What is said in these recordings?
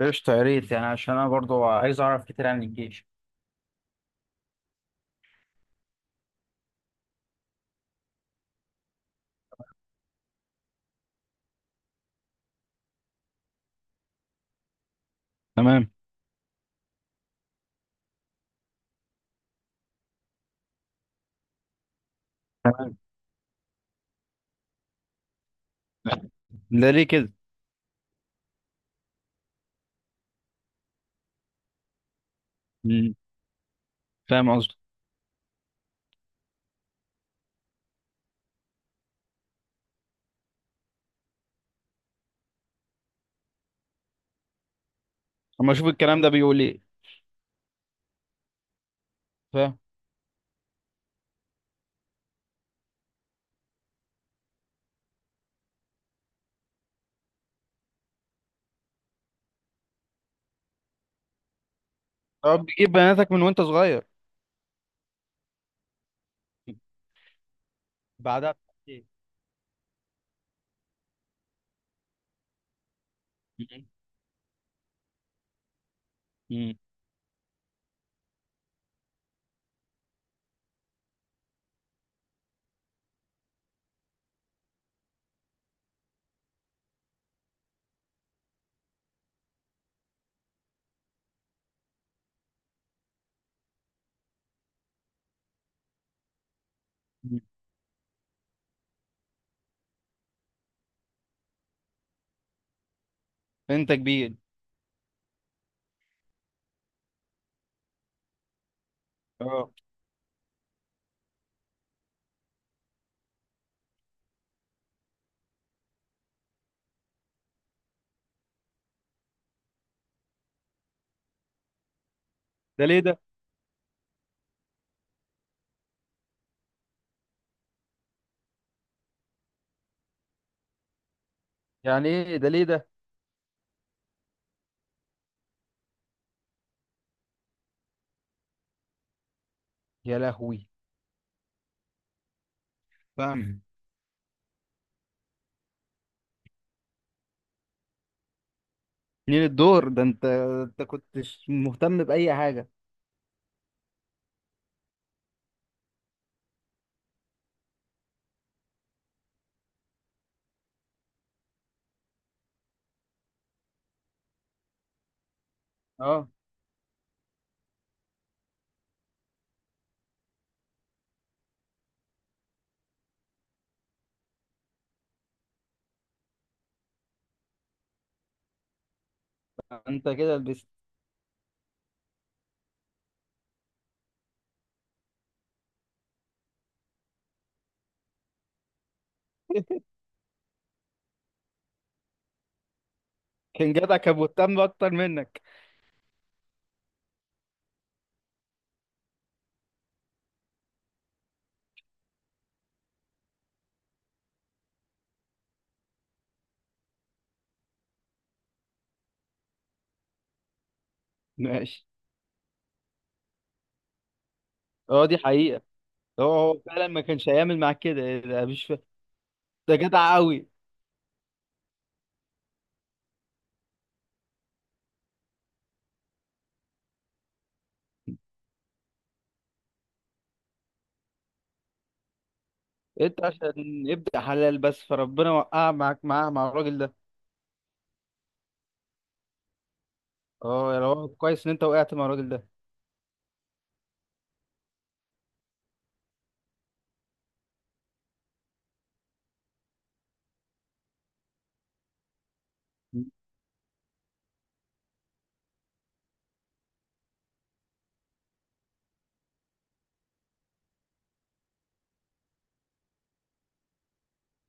قشطة، يا ريت يعني عشان أنا برضو عايز أعرف كتير عن الجيش. تمام، تمام. ده ليه كده؟ مم. فاهم قصدي؟ اما اشوف الكلام ده بيقول ايه. فاهم. طب بتجيب بناتك من وانت صغير؟ بعدها بسنتين. مم. مم. مم. انت كبير. اه. ده ليه ده؟ يعني ايه؟ ده ليه ده؟ يا لهوي. فاهم. منين الدور ده؟ انت كنتش مهتم باي حاجه؟ اه. انت كده لبست. كان جدع، كان مهتم اكتر منك. ماشي. اه، دي حقيقة. هو فعلا ما كانش هيعمل معاك كده، ده مش ف... ده جدع قوي. انت عشان يبدأ حلال بس، فربنا وقع معاك، معاه، مع الراجل ده. اه، يا هو كويس ان انت وقعت مع الراجل ده.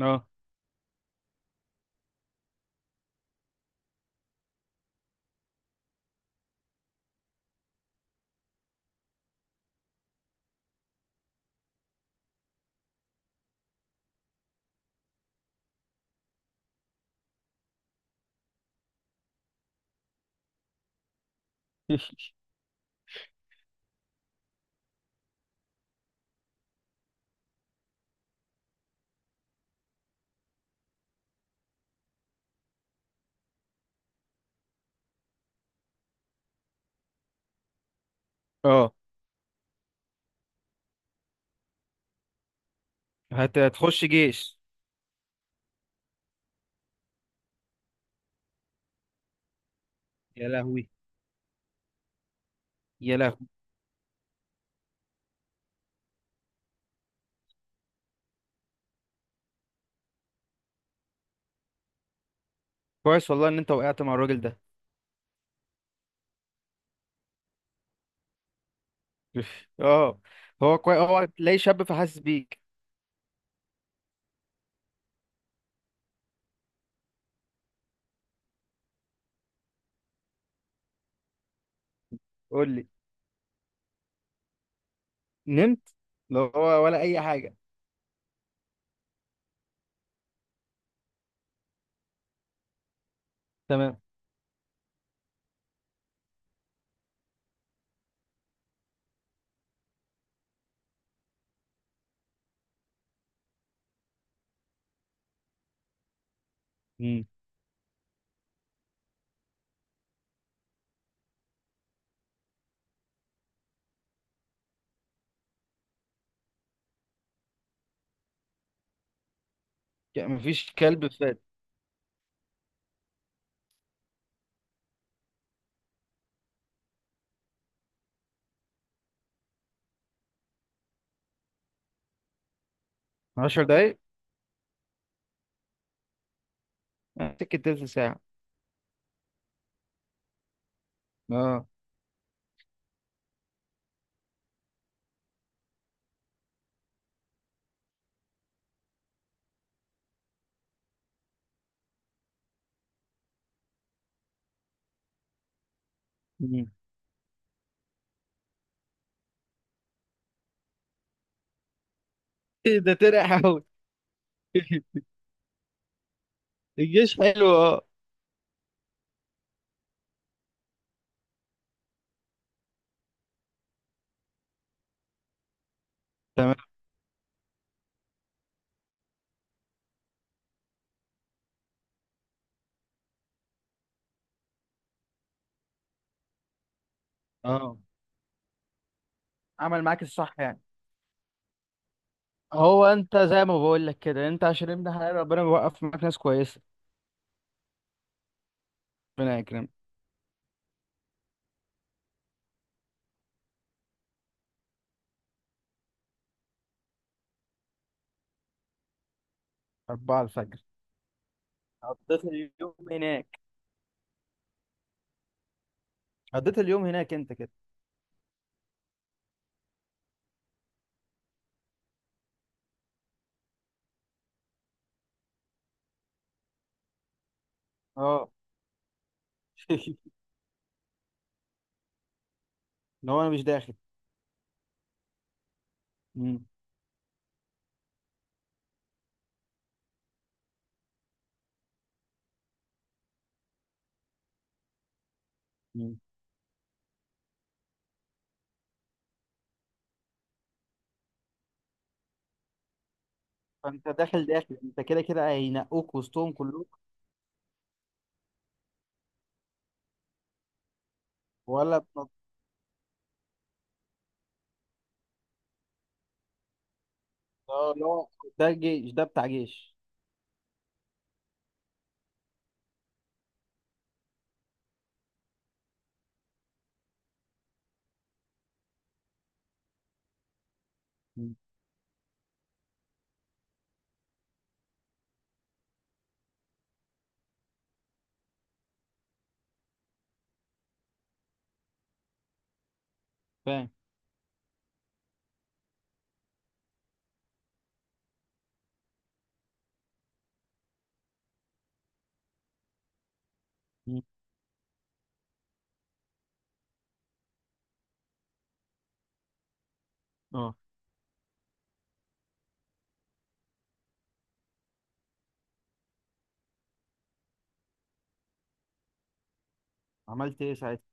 اه. اه، هتخش جيش. يا لهوي. يا لهوي. كويس والله ان انت وقعت مع الراجل ده. اه، هو كويس، هو تلاقي شاب فحاسس بيك. قول لي. نمت. لا هو ولا اي حاجه. تمام. مم. يعني مفيش كلب فات. 10 دقايق. سكت تلت ساعه. اه. إيه ده؟ ترقع قوي. الجيش حلو، اه. تمام. اه، عمل معاك الصح يعني. هو انت زي ما بقول لك كده، انت عشان ابن حلال ربنا بيوقف معاك ناس كويسه. ربنا يكرمك. 4 الفجر؟ قضيت اليوم هناك قضيت اليوم هناك انت كده؟ اه. اللي هو انا مش داخل. مم. مم. فانت داخل داخل، انت كده كده هينقوك وسطهم كلهم. ولا بنض... اه، لا. ده جيش، ده بتاع جيش. مم. فاهم. مم. اه، عملت ايه ساعتها؟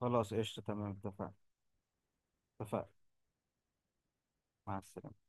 خلاص، قشطة، تمام، اتفقنا. اتفقنا. مع السلامة.